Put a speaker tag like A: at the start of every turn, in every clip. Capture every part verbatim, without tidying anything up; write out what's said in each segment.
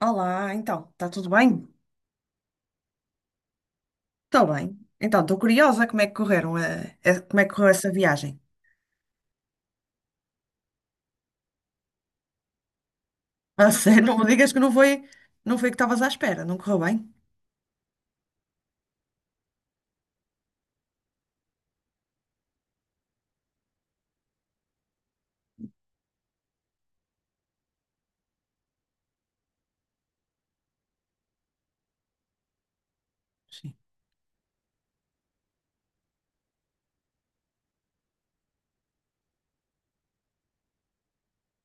A: Olá, então, está tudo bem? Estou bem. Então, estou curiosa como é que correram a, a- como é que correu essa viagem. A sério, não me digas que não foi, não foi o que estavas à espera, não correu bem? Sim.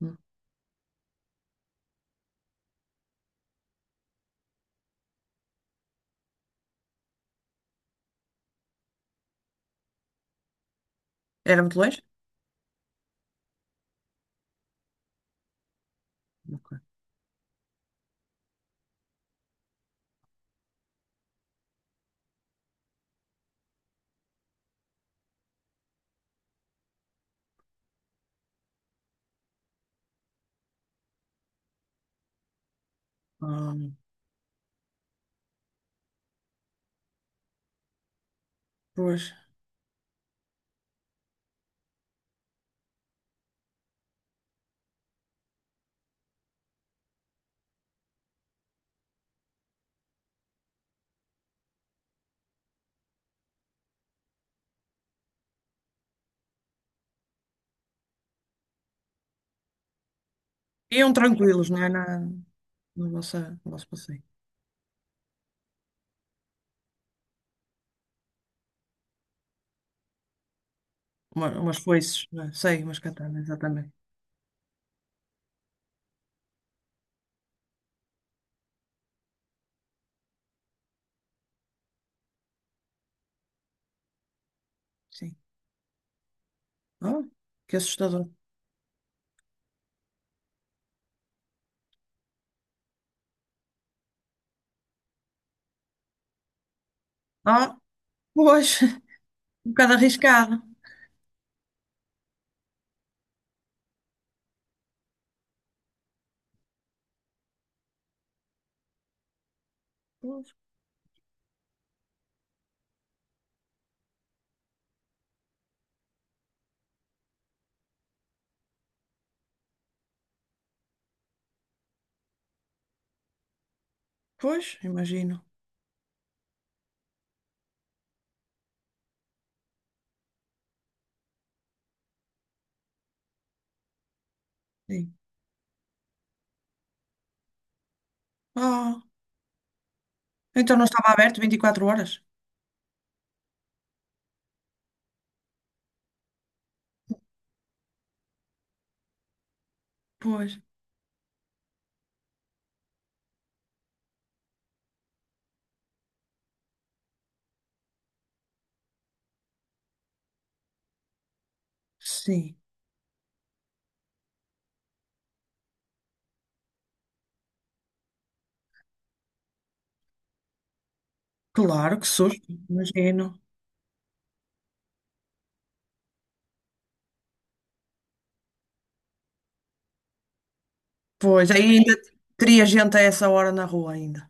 A: Hum. Era muito longe? Ok. Hum, pois. Iam tranquilos, não é? Na, na nossa, no nosso passeio. Uma, umas foices, não é? Sei, umas katanas, exatamente. Sim. Ah, que assustador. Ah, pois, um bocado arriscado. Pois, pois, imagino. Sim. Ah, então não estava aberto vinte e quatro horas? Pois, sim, claro que susto, imagino. Pois, aí ainda teria gente a essa hora na rua ainda.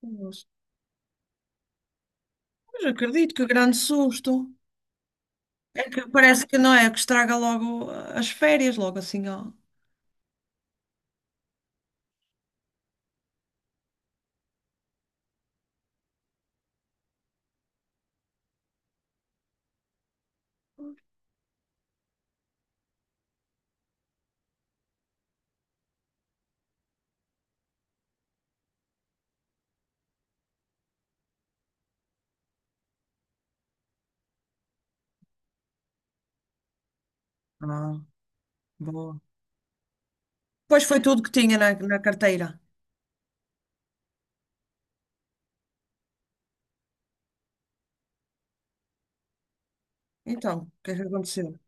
A: Pois, mas acredito que grande susto. É que parece que não é, que estraga logo as férias, logo assim, ó. Ah, boa. Pois foi tudo que tinha na, na carteira. Então, o que é que aconteceu?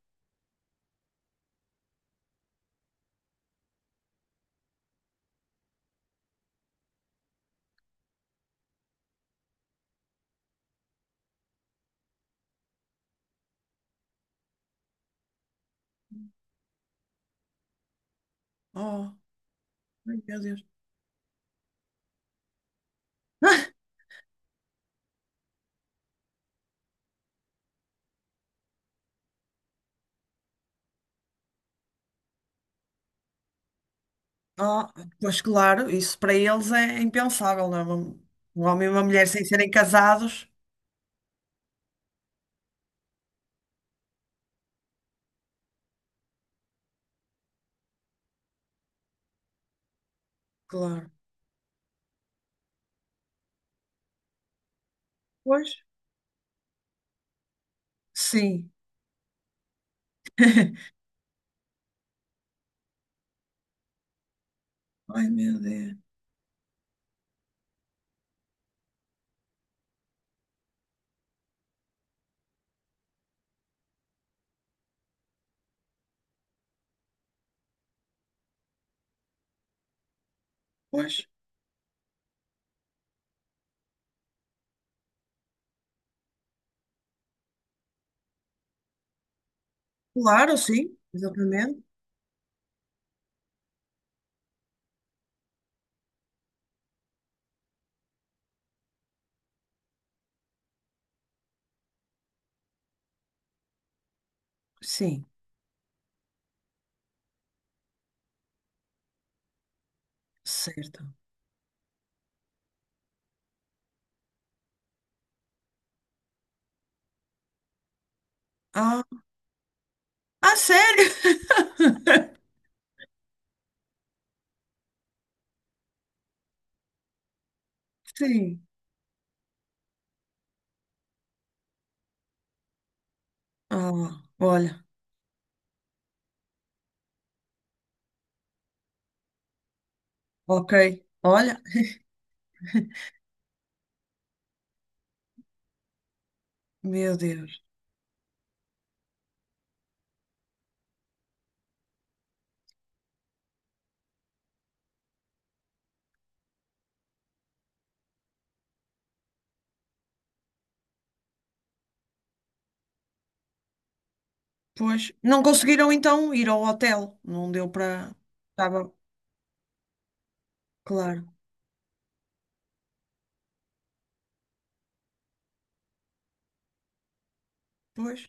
A: Oh, ai, meu Deus. Oh, pois claro, isso para eles é impensável, não é? Um um homem e uma mulher sem serem casados. Claro. Pois, sim. Ai, meu Deus. Pois, claro, sim, exatamente. Sim, certo. Ah, ah, sério? Sim. Ah, olha. Ok. Olha, meu Deus. Pois, não conseguiram então ir ao hotel. Não deu para. Estava, claro. Pois.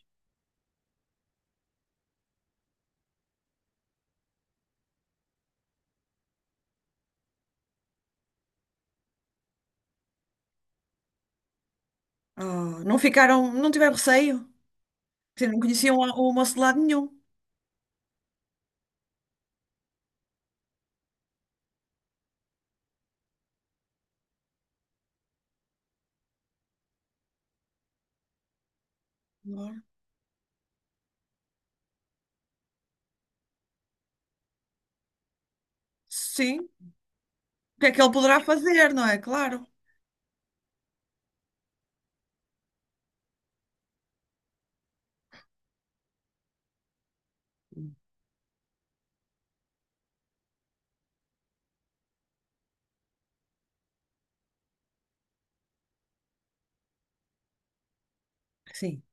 A: Ah, não ficaram, não tiveram receio. Porque não conheciam o o moço de lado nenhum. Claro. Sim. O que é que ele poderá fazer, não é? Claro. Sim.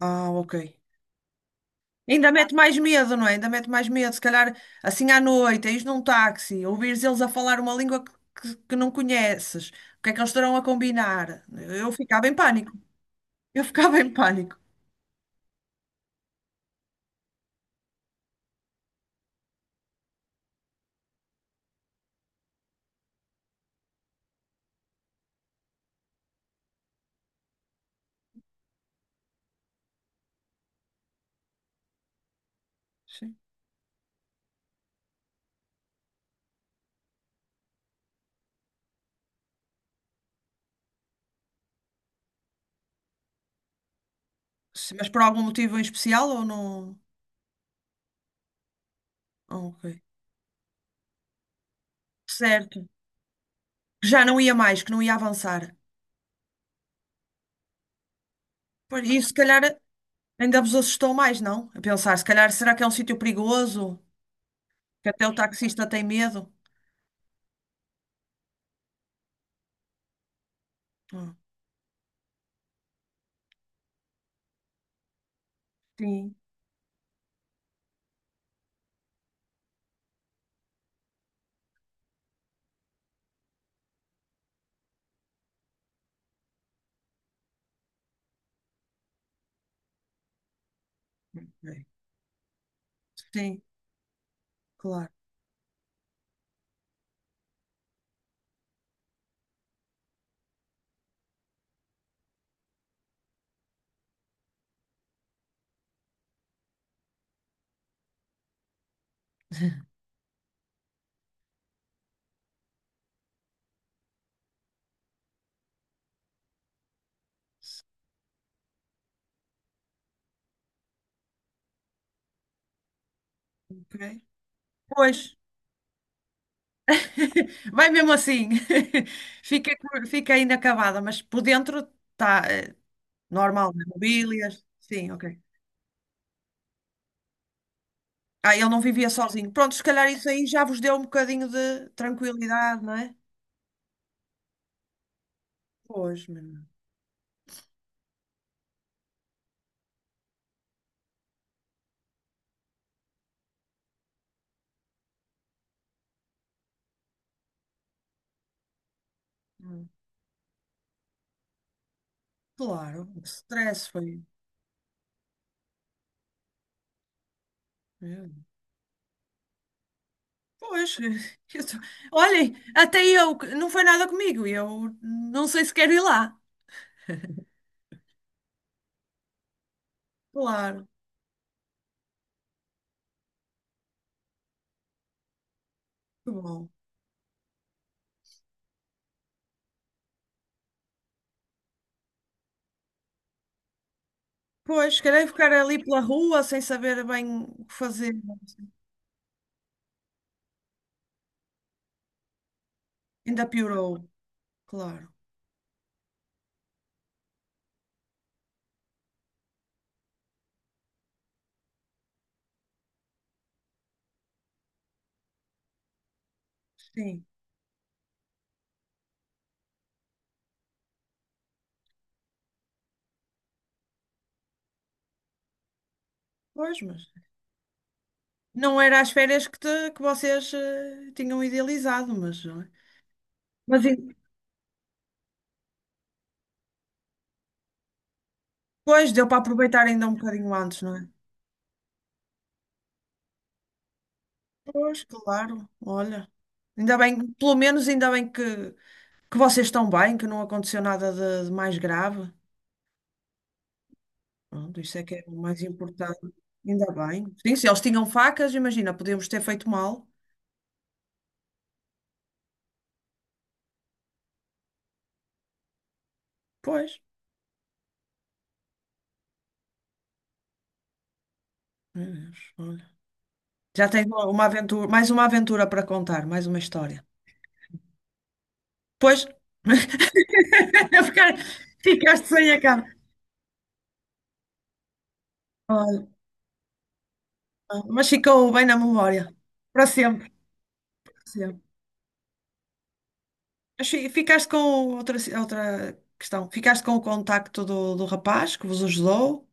A: Ah, ok. Ainda mete mais medo, não é? Ainda mete mais medo. Se calhar, assim à noite, ires num táxi, ouvires eles a falar uma língua que, que- que não conheces. O que é que eles estarão a combinar? Eu ficava em pânico. Eu ficava em pânico. Sim. Se- Mas por algum motivo em especial ou não? Ah, ok. Certo. Que já não ia mais, que não ia avançar. Pois, e se calhar ainda vos assustou mais, não? A pensar, se calhar, será que é um sítio perigoso? Que até o taxista tem medo? Ah, sim. Ok. Sim, claro. Ok. Pois, vai mesmo assim. Fica, co- fica inacabada, mas por dentro está normal, né? Mobílias. Sim, ok. Ah, ele não vivia sozinho. Pronto, se calhar isso aí já vos deu um bocadinho de tranquilidade, não é? Pois, menina. Hum, Claro, o stress foi. Meu. Deus. Pois, eu tô- olhem, até eu, que não foi nada comigo, e eu não sei se quero ir lá. Claro, que bom. Pois, querer ficar ali pela rua sem saber bem o que fazer, não sei. Ainda piorou, claro. Sim, pois, mas não era as férias que, te- que vocês eh, tinham idealizado, mas, não é? Mas pois, deu para aproveitar ainda um bocadinho antes, não é? Pois, claro, olha. Ainda bem, pelo menos ainda bem que, que vocês estão bem, que não aconteceu nada de, de mais grave. Pronto, isso é que é o mais importante. Ainda bem. Sim, se eles tinham facas, imagina, podíamos ter feito mal. Pois, meu Deus, olha. Já tens uma uma aventura, mais uma aventura para contar, mais uma história. Pois, Ficar- ficaste sem a cara. Olha, mas ficou bem na memória. Para sempre. Para sempre. Mas fi- ficaste com outra, ci- outra questão. Ficaste com o contacto do, do rapaz que vos ajudou?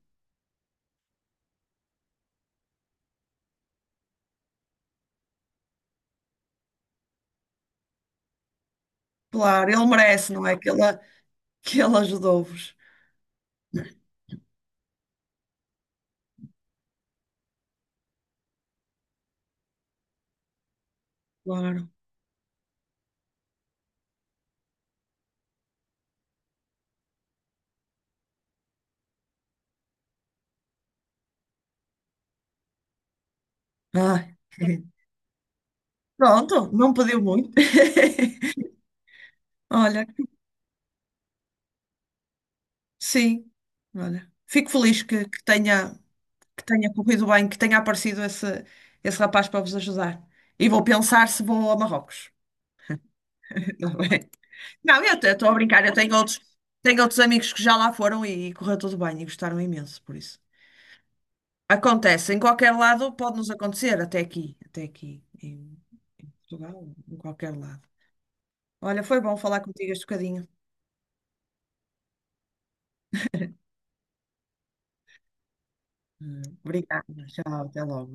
A: Claro, ele merece, não é? Que ele, que ele ajudou-vos. Claro. Ai. Pronto, não pediu muito. Olha, sim. Olha, fico feliz que, que tenha, que tenha corrido bem, que tenha aparecido esse, esse rapaz para vos ajudar. E vou pensar se vou a Marrocos. Tá bem. Não, eu estou a brincar. Eu tenho outros, tenho outros amigos que já lá foram e, e correu tudo bem e gostaram imenso, por isso. Acontece, em qualquer lado pode-nos acontecer, até aqui, até aqui, em, em Portugal, em qualquer lado. Olha, foi bom falar contigo este bocadinho. Hum, Obrigada, tchau, até logo.